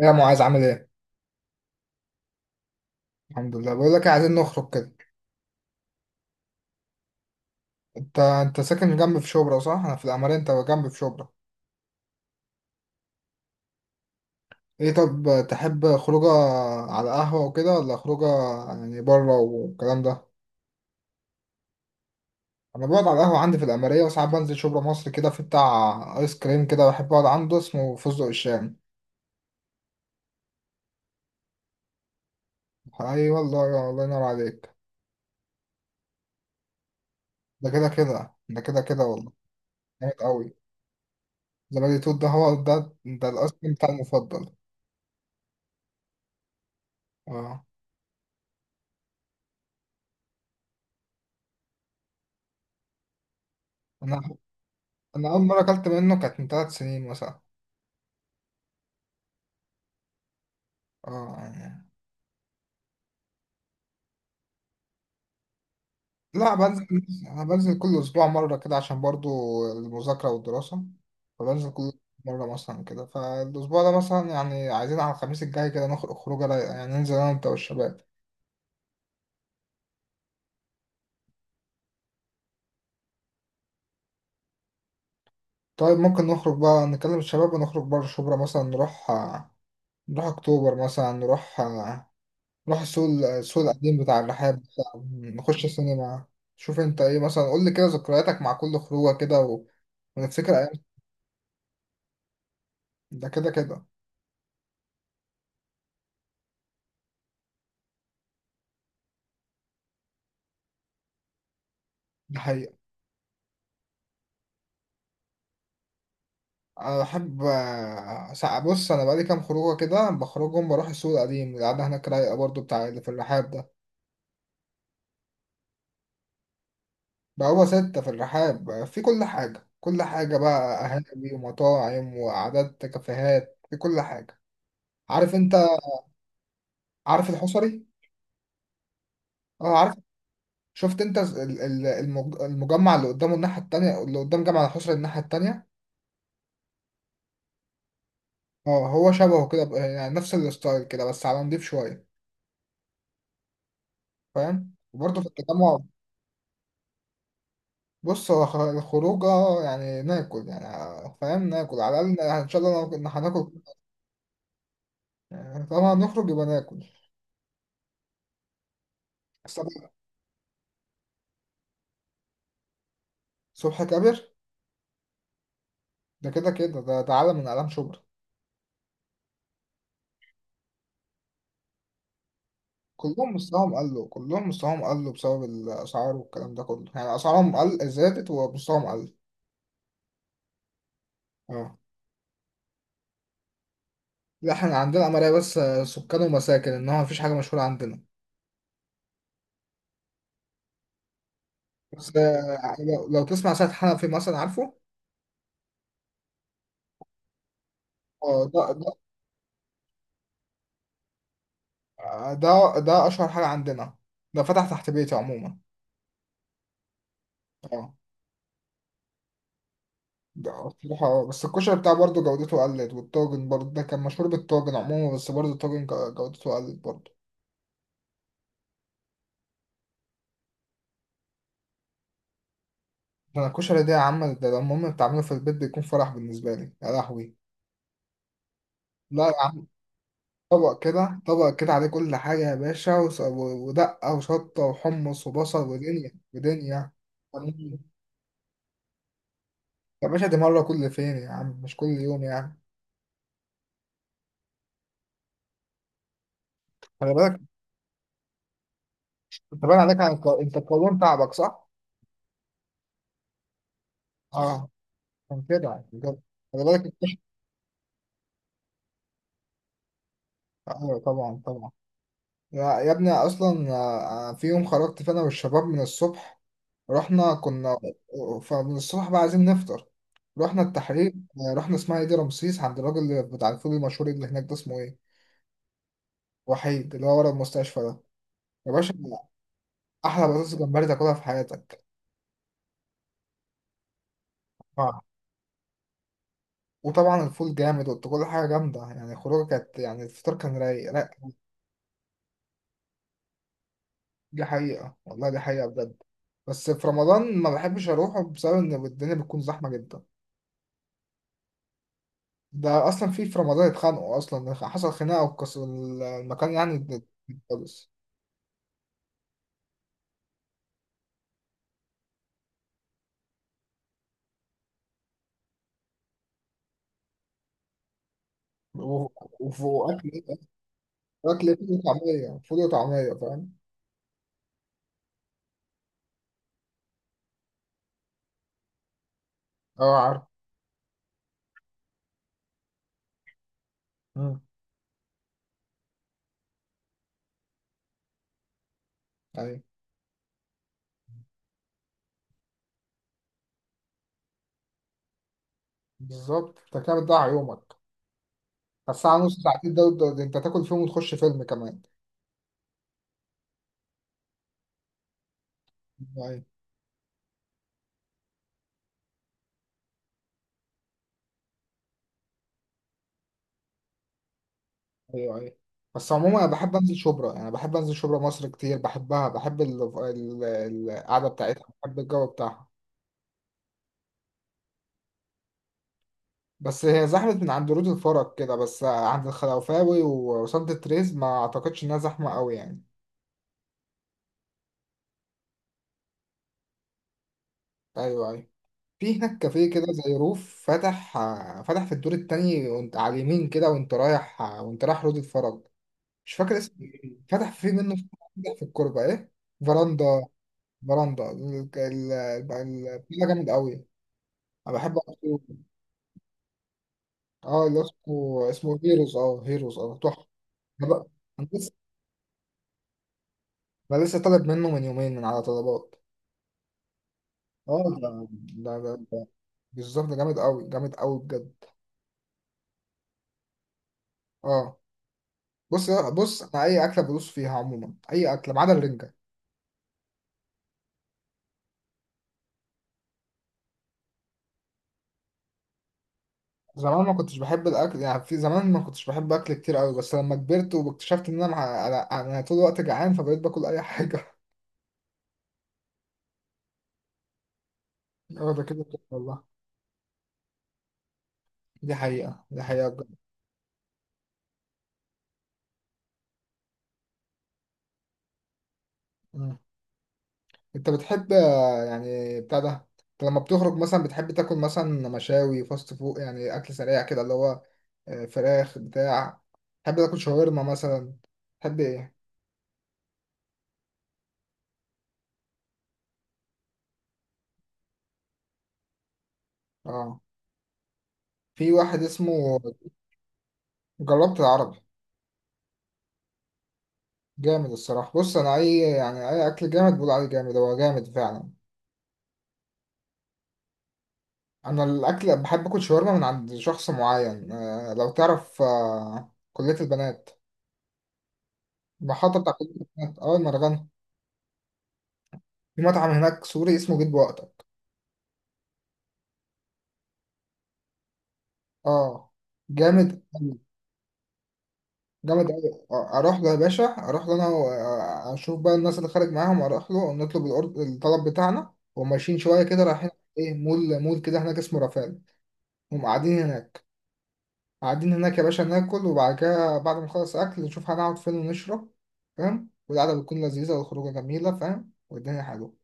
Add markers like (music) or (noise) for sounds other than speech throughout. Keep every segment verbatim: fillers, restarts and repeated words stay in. يا معاذ عامل ايه؟ الحمد لله، بقول لك إيه، عايزين نخرج كده. انت انت ساكن جنب في شبرا صح؟ انا في العمارة، انت جنب في شبرا. ايه، طب تحب خروجه على قهوة وكده، ولا خروجه يعني بره والكلام ده؟ انا بقعد على القهوة عندي في العمارية، وساعات بنزل شبرا مصر كده، في بتاع ايس كريم كده بحب اقعد عنده، اسمه فستق الشام. اي والله، يا الله ينور عليك. ده كده كده، ده كده كده والله. جامد قوي. زبادي توت ده هو ده ده الايس كريم بتاعي المفضل. اه، انا انا اول مرة اكلت منه كانت من ثلاث سنين مثلا. اه يعني. لا بنزل، انا بنزل كل اسبوع مره كده عشان برضو المذاكره والدراسه، فبنزل كل مره مثلا كده، فالاسبوع ده مثلا يعني عايزين على الخميس الجاي كده نخرج خروجه رايقه يعني، ننزل انا وانت والشباب. طيب ممكن نخرج بقى نكلم الشباب ونخرج بره شبرا، مثلا نروح آه، نروح اكتوبر مثلا، نروح آه، نروح السوق ال- السوق القديم بتاع الرحاب بتاع- نخش السينما. شوف انت ايه مثلا، قول لي كده ذكرياتك مع كل خروجه كده و- ونفتكر ايام. ده كده كده. ده حقيقة. انا بحب ساعة- بص، انا بقالي كام خروجه كده بخرجهم، بروح السوق القديم، القعده هناك رايقه برضو، بتاع اللي في الرحاب ده. بقوا ستة في الرحاب، في كل حاجه كل حاجه بقى، قهاوي ومطاعم وقعدات كافيهات، في كل حاجه. عارف انت، عارف الحصري؟ اه عارف. شفت انت ال- ال- المج- المجمع اللي قدامه الناحيه التانية، اللي قدام جامع الحصري الناحيه التانية. اه هو شبهه كده ب- يعني نفس الستايل كده بس على نضيف شويه. فاهم، وبرضه في التجمع. بص هو خ- الخروجة يعني ناكل يعني، فاهم، ناكل على الأقل إن شاء الله لو كنا هناكل، يعني طبعا نخرج يبقى ناكل. بس طبعاً، صبحي كابر. ده كده كده، ده ده عالم من أعلام شبرا. كلهم مستواهم قلوا، كلهم مستواهم قلوا بسبب الأسعار والكلام ده كله، يعني أسعارهم قل، زادت ومستواهم قل. اه. لا احنا عندنا عملية بس آه، سكان ومساكن، إنما مفيش حاجة مشهورة عندنا. بس آه، لو لو تسمع سيد حنفي مثلا، عارفه؟ اه، ده ده. آه، ده ده أشهر حاجة عندنا، ده فتح تحت بيتي عموما. اه، ده بصراحة بس الكشري بتاعه برضه جودته قلت، والطاجن برضه ده كان مشهور بالطاجن عموما، بس برضه الطاجن جو- جودته قلت برضه. ده أنا الكشري ده يا عم، ده لما أمي بتعمله في البيت بيكون فرح بالنسبة لي، يا لهوي. لا يا عم، طبق كده، طبق كده عليه كل حاجة يا باشا وس- و- ودقة وشطة وحمص وبصل ودنيا ودنيا. يا باشا، دي مرة كل فين يا عم، مش كل يوم يعني. خلي بالك، انت باين عليك على الق- انت القولون تعبك صح؟ اه، كان كده عشان كده. خلي بالك الكشري. ايوه طبعا، طبعا. يا يا ابني اصلا، آه، آه، في يوم خرجت، فانا والشباب من الصبح رحنا كنا، فمن الصبح بقى عايزين نفطر. رحنا التحرير، آه، رحنا اسمها ايه دي، رمسيس، عند الراجل اللي بتاع الفول المشهور اللي هناك ده، اسمه ايه، وحيد، اللي هو ورا المستشفى ده. يا باشا، احلى بطاطس جمبري تاكلها في حياتك. آه. وطبعا الفول جامد، وقلت كل حاجه جامده، يعني الخروجه كانت يعني، الفطار كان رايق. لا دي حقيقه والله، دي حقيقه بجد. بس في رمضان ما بحبش اروحه بسبب ان الدنيا بتكون زحمه جدا. ده اصلا في في رمضان اتخانقوا اصلا، حصل خناقه وكس المكان يعني. خالص. و- وف- واكل، اكل إيه؟ فول وطعميه، فول وطعميه، فاهم. اه عارف. مم. ايوه بالظبط، انت كده بتضيع يومك. الساعه نص، ساعتين، دول دول- انت تاكل فيهم وتخش فيلم كمان. ايوه، ايوه، ايوه. بس عموما انا بحب انزل شبرا، يعني بحب انزل شبرا مصر كتير، بحبها، بحب ال- ال- القعده بتاعتها، بحب الجو بتاعها. بس هي زحمة من عند رود الفرج كده بس، عند الخلوفاوي وسانت تريز ما أعتقدش إنها زحمة أوي يعني. أيوه، أيوه. في هناك كافيه كده زي روف، فتح آه، فتح في الدور التاني، وأنت على اليمين كده وأنت رايح آه، وأنت رايح رود الفرج، مش فاكر اسمه إيه. فتح فيه منه، فتح في الكوربة إيه، فراندا. فراندا ال- ال- ال- البتاع جامد أوي. أنا بحب أقصده. أه، اللي اسمه اسمه هيروز، أه هيروز، أه تحفة. أنا بقى- أنا لسه، أنا لسه طالب منه من يومين من على طلبات. اه، ده ده ده ده- بالظبط، ده جامد قوي، جامد قوي بجد. اه، بص بص انا اي اكله بدوس فيها عموما، اي اكله ما عدا الرنجه. زمان ما كنتش بحب الاكل يعني، في زمان ما كنتش بحب اكل كتير قوي، بس لما كبرت واكتشفت ان انا مع- انا، أنا طول الوقت جعان، فبقيت باكل اي حاجه. (laughs) اه ده كده كده والله. دي حقيقه، دي حقيقه بجد. انت بتحب آه، يعني بتاع ده، انت لما بتخرج مثلا بتحب تاكل مثلا مشاوي، فاست فود، يعني اكل سريع كده، اللي هو آه، فراخ بتاع، تحب تاكل شاورما مثلا، تحب ايه؟ اه، في واحد اسمه، جربت العربي. جامد الصراحه، بص انا اي يعني اي اكل جامد بقول عليه جامد، هو جامد فعلا. انا الاكل بحب اكل شاورما من عند شخص معين، آه، لو تعرف، آه، كليه البنات، المحطه بتاع كليه البنات، اه المرغنه. في مطعم هناك سوري اسمه بيت بوقت. اه، جامد أوي، جامد أوي. آه، اروح له يا باشا، اروح له انا و- آه، اشوف بقى الناس اللي خارج معاهم، اروح له نطلب الأورد- الطلب بتاعنا وماشيين شويه كده رايحين، ايه مول مول كده هناك اسمه رافال، هم قاعدين هناك. قاعدين هناك يا باشا، ناكل وبعد كده بعد ما نخلص اكل نشوف هنقعد فين ونشرب، فاهم، والقعده بتكون لذيذه والخروجه جميله، فاهم، والدنيا حلوه.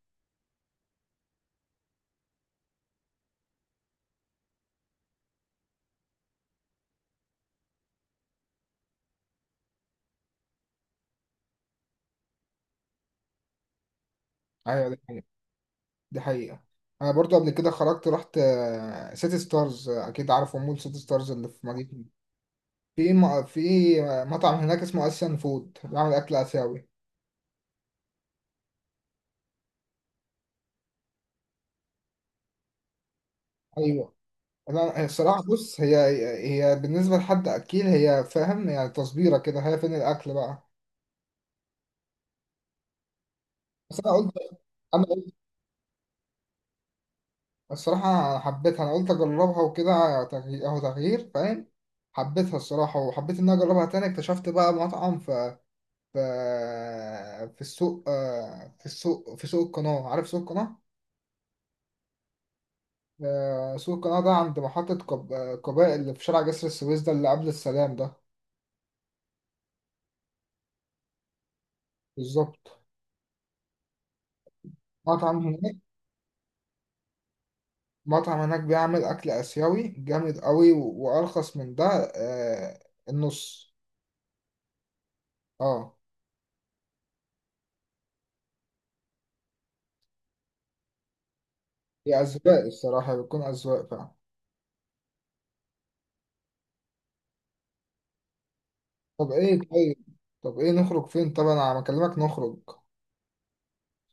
ايوه، دي حقيقة، دي حقيقة. انا برضو قبل كده خرجت رحت آه، سيتي ستارز، آه، اكيد عارفه مول سيتي ستارز اللي في مدينة، في م... في مطعم هناك اسمه اسيان فود، بيعمل اكل اسيوي. ايوه. انا الصراحه بص، هي، هي بالنسبه لحد اكيل هي، فاهم، يعني تصبيره كده، هي فين الاكل بقى. بس انا قلت انا قلت الصراحه أنا حبيتها، انا قلت اجربها وكده، تغيير، اهو تغيير فاهم. حبيتها الصراحه، وحبيت ان انا اجربها تاني، اكتشفت بقى مطعم في في في السوق، آه، في السوق، في سوق القناه، عارف سوق القناه؟ آه، سوق القناة ده عند محطة قب- آه، قباء اللي في شارع جسر السويس ده، اللي قبل السلام ده. بالظبط. مطعم هناك مطعم هناك بيعمل أكل آسيوي جامد قوي و- وأرخص من ده آه، النص. اه. هي أذواق الصراحة، بتكون أذواق فعلا. طب إيه، طيب، طب إيه نخرج فين، طب أنا بكلمك نخرج.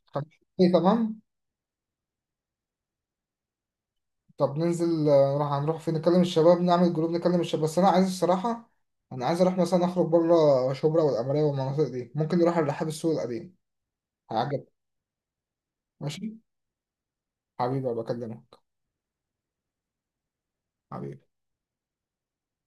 خلاص. إيه تمام. طب ننزل آه، نروح، هنروح فين، نكلم الشباب، نعمل جروب نكلم الشباب، بس انا عايز الصراحه، انا عايز اروح مثلا اخرج بره شبرا والقمريه والمناطق دي، ممكن نروح الرحاب السوق القديم، هيعجبك. ماشي حبيبي، بكلمك. حبيبي.